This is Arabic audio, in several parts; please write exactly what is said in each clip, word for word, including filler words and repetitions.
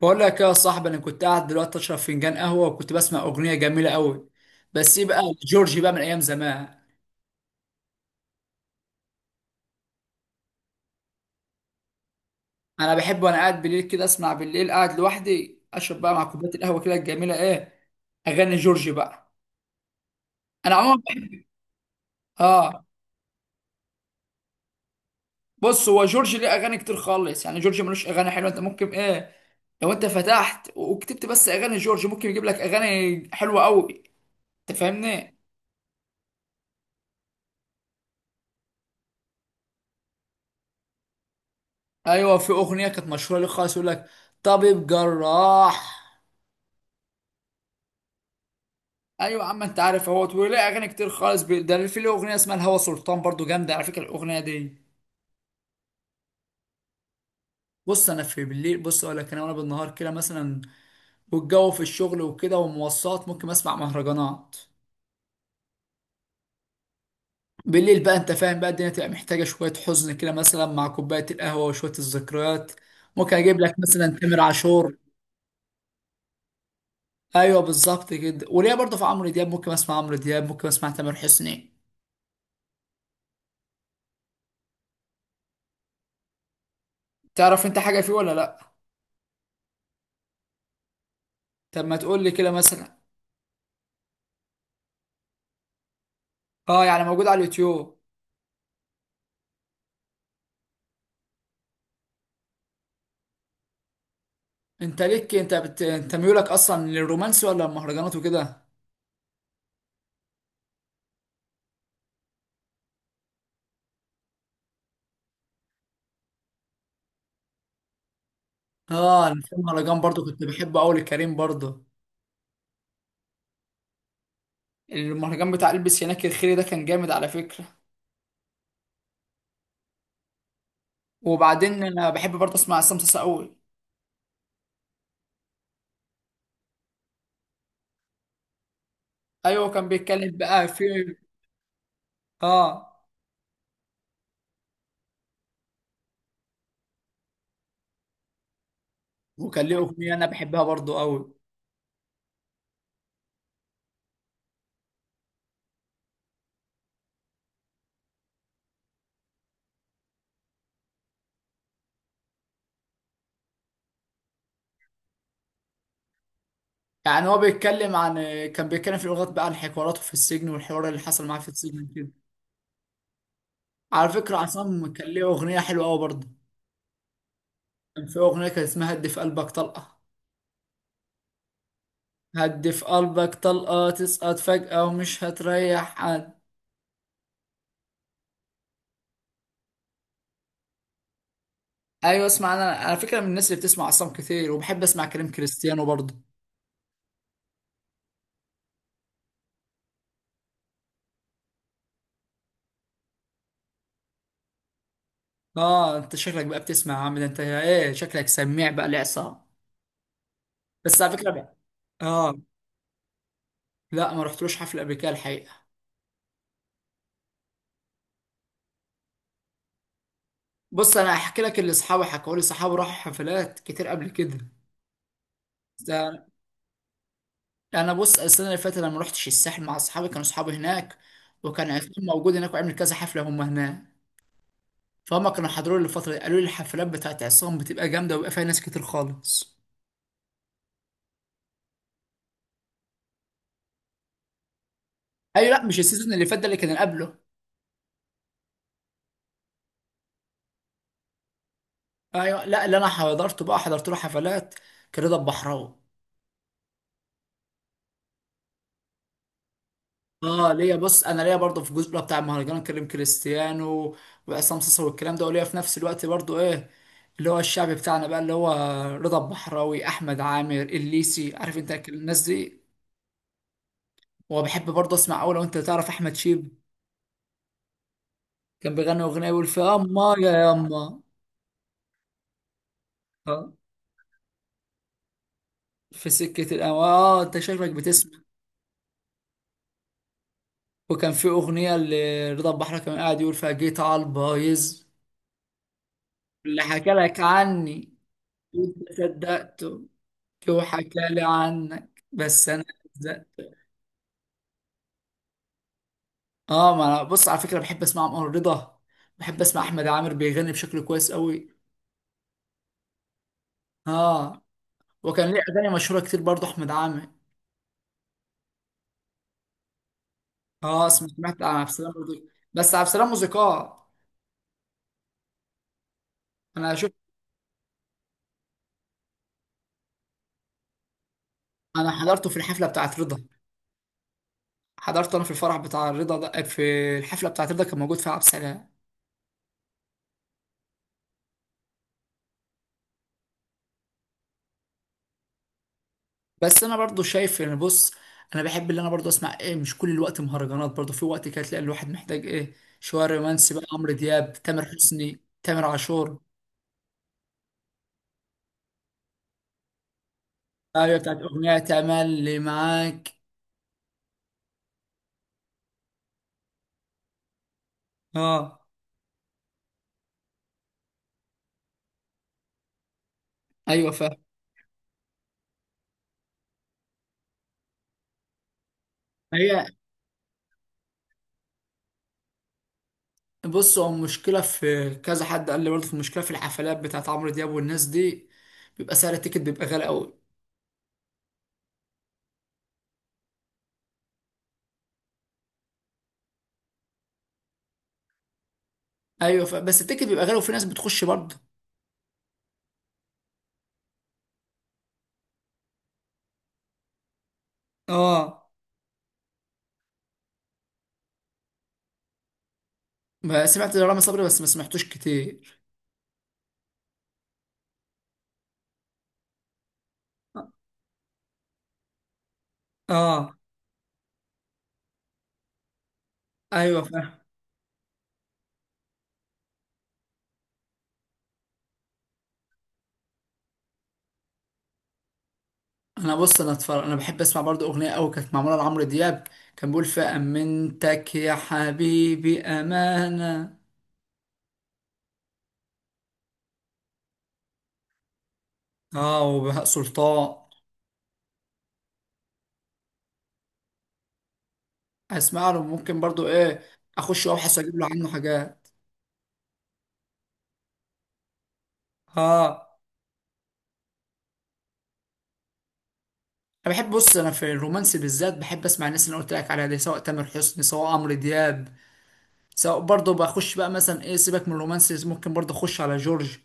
بقول لك يا صاحبي، انا كنت قاعد دلوقتي اشرب فنجان قهوه وكنت بسمع اغنيه جميله قوي. بس ايه بقى؟ جورجي بقى من ايام زمان. انا بحب وانا قاعد بالليل كده اسمع، بالليل قاعد لوحدي اشرب بقى مع كوبايه القهوه كده الجميله، ايه؟ اغاني جورجي بقى. انا عموما بحب. اه. بص، هو جورجي ليه اغاني كتير خالص، يعني جورجي ملوش اغاني حلوه؟ انت ممكن، ايه، لو انت فتحت وكتبت بس اغاني جورجي ممكن يجيب لك اغاني حلوه قوي. انت فاهمني. ايوه في اغنيه كانت مشهوره ليه خالص، يقول لك طبيب جراح. ايوه يا عم انت عارف اهوت، وليه اغاني كتير خالص بي... ده في له اغنيه اسمها الهوى سلطان، برضو جامده على فكره الاغنيه دي. بص انا في بالليل، بص اقول لك، انا وانا بالنهار كده مثلا والجو في الشغل وكده ومواصلات ممكن اسمع مهرجانات. بالليل بقى، انت فاهم بقى، الدنيا تبقى محتاجه شويه حزن كده مثلا، مع كوبايه القهوه وشويه الذكريات. ممكن اجيب لك مثلا تامر عاشور. ايوه بالظبط كده، وليه برضو في عمرو دياب، ممكن اسمع عمرو دياب، ممكن اسمع تامر حسني. تعرف انت حاجه فيه ولا لا؟ طب ما تقول لي كده مثلا. اه، يعني موجود على اليوتيوب. انت ليك، انت بت... انت ميولك اصلا للرومانسي ولا المهرجانات وكده؟ اه انا في المهرجان برضو كنت بحبه قوي لكريم برضو. المهرجان بتاع البس هناك الخيري ده كان جامد على فكرة. وبعدين انا بحب برضو اسمع عصام صاصا قوي. ايوه كان بيتكلم بقى في، اه، وكان ليه اغنية انا بحبها برضو قوي. يعني هو بيتكلم عن، كان بيتكلم في الاغنية بقى عن حواراته في السجن والحوار اللي حصل معاه في السجن كده. على فكرة عصام كان ليه اغنية حلوة قوي برضو، كان في اغنية كانت اسمها هدي في قلبك طلقة. هدي في قلبك طلقة تسقط فجأة ومش هتريح حد. ايوه اسمع، انا على فكرة من الناس اللي بتسمع عصام كتير، وبحب اسمع كلام كريستيانو برضه. اه انت شكلك بقى بتسمع يا عم، ده انت ايه، شكلك سميع بقى لعصام. بس على فكرة بقى، اه، لا ما رحتلوش حفلة قبل كده الحقيقة. بص انا هحكي لك اللي اصحابي حكوا لي، صحابي راحوا حفلات كتير قبل كده. ده- انا بص، السنة اللي فاتت انا ما رحتش الساحل مع اصحابي، كانوا اصحابي هناك وكان عصام موجود هناك وعمل كذا حفلة هم هناك. فهم كانوا حضروني الفترة دي، قالوا لي الحفلات بتاعت عصام بتبقى جامدة وبيبقى فيها ناس كتير خالص. أيوة، لأ مش السيزون اللي فات، ده اللي كان اللي قبله. أيوة، لأ اللي أنا حضرته بقى، حضرت له حفلات كان رضا البحراوي. اه ليا، بص انا ليا برضه في الجزء بقى بتاع المهرجان كريم كريستيانو وعصام صاصا والكلام ده، وليا في نفس الوقت برضه ايه، اللي هو الشعب بتاعنا بقى، اللي هو رضا البحراوي، احمد عامر، الليسي، عارف انت الناس دي. وبحب برضه اسمع اوي لو انت تعرف احمد شيب. كان بيغني اغنيه يقول في اما يا يما، في سكة الأم. اه انت شكلك بتسمع. وكان في أغنية لرضا البحراوي كان قاعد يقول فيها جيت على البايظ. اللي حكى لك عني وانت صدقته، وحكى لي عنك بس انا صدقت. اه، ما انا بص على فكرة بحب اسمع عمر رضا، بحب اسمع احمد عامر، بيغني بشكل كويس قوي. اه، وكان ليه اغاني مشهورة كتير برضه احمد عامر. اه سمعت عن عبد السلام برضه، بس عبد السلام موسيقار. انا شفت، انا حضرته في الحفلة بتاعت رضا، حضرت انا في الفرح بتاع رضا ده، في الحفله بتاعت رضا كان موجود فيها عبد السلام. بس انا برضو شايف ان، بص، انا بحب اللي انا برضو اسمع ايه، مش كل الوقت مهرجانات، برضو في وقت كده تلاقي الواحد محتاج ايه، شويه رومانسي بقى، عمرو دياب، تامر حسني، تامر عاشور. ايوه بتاعت اغنيه تملي معاك. اه، ايوه فاهم. هي، بص هو المشكله، في كذا حد قال لي برضو، في المشكله في الحفلات بتاعت عمرو دياب والناس دي، بيبقى سعر التيكت بيبقى غالي قوي. ايوه ف... بس التيكت بيبقى غالي وفي ناس بتخش برضه. اه ما سمعت لرامي صبري بس ما سمعتوش كتير. اه، ايوه فاهم. انا بص، انا اتفرج، انا بحب اسمع برضو اغنيه قوي كانت معموله لعمرو دياب، كان بيقول فامنتك يا حبيبي امانه. اه، وبهاء سلطان. اسمع له ممكن برضو ايه، اخش وابحث واجيب له عنه حاجات. اه، انا بحب بص، انا في الرومانسي بالذات بحب اسمع الناس اللي انا قلت لك عليها دي، سواء تامر حسني سواء عمرو دياب، سواء برضه بخش بقى مثلا ايه، سيبك من الرومانسيز ممكن برضه اخش على جورج،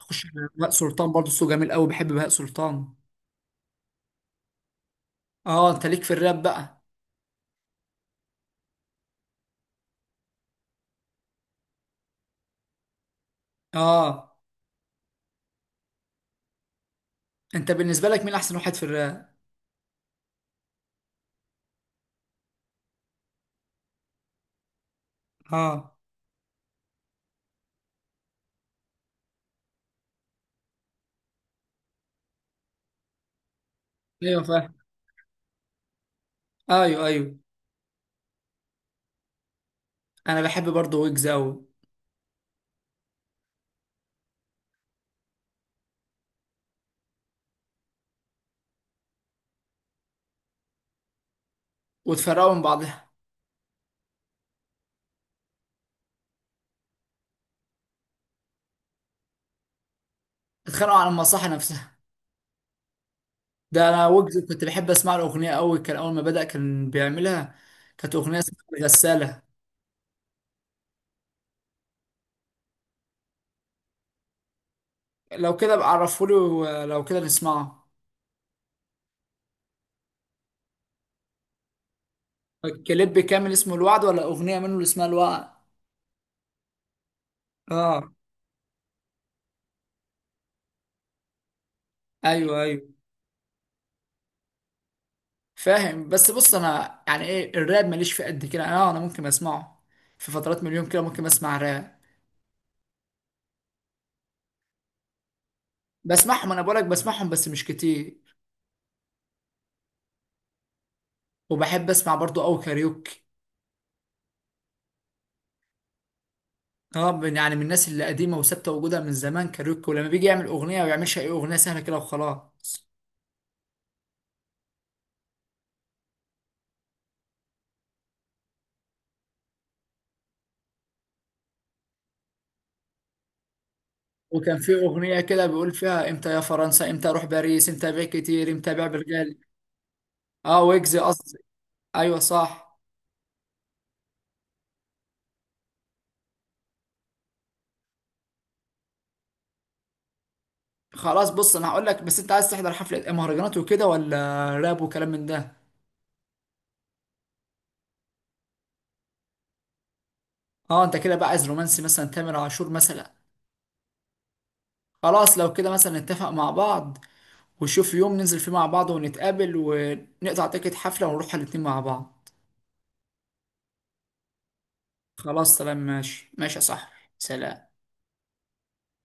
اخش على بهاء سلطان برضه، صوته جميل قوي، بحب بهاء سلطان. اه انت ليك في الراب بقى. اه، انت بالنسبه لك مين احسن واحد في الراب؟ اه، ايوه فاهم. ايوه ايوه. انا بحب برضه ويجز قوي. واتفرقوا من بعضها. اتخانقوا على المصاحه نفسها. ده انا ويجز كنت بحب اسمع له اغنيه قوي، كان اول ما بدأ كان بيعملها، كانت اغنيه اسمها غساله. لو كده ابقى عرفولي ولو كده نسمعه. الكليب كامل اسمه الوعد ولا اغنيه منه اللي اسمها الوعد؟ اه. ايوه، ايوه فاهم، بس بص انا يعني ايه، الراب ماليش في قد كده، انا انا ممكن اسمعه في فترات من اليوم كده، ممكن اسمع راب. بسمعهم انا بقولك، بسمعهم بس مش كتير. وبحب اسمع برضو او كاريوكي. اه من- يعني من الناس اللي قديمه وثابته وجودها من زمان كاريوكي، ولما بيجي يعمل اغنيه ما بيعملش اي اغنيه سهله كده وخلاص. وكان في اغنيه كده بيقول فيها امتى يا فرنسا، امتى اروح باريس، امتى بيع كتير، امتى بيع بالغالي. اه ويجز قصدي. ايوه صح. خلاص بص انا هقول لك، بس انت عايز تحضر حفله مهرجانات وكده ولا راب وكلام من ده؟ اه انت كده بقى عايز رومانسي، مثلا تامر عاشور مثلا. خلاص لو كده مثلا نتفق مع بعض، ونشوف يوم ننزل فيه مع بعض ونتقابل ونقطع تيكت حفله ونروح الاتنين مع بعض. خلاص تمام، ماشي ماشي يا صاحبي. سلام.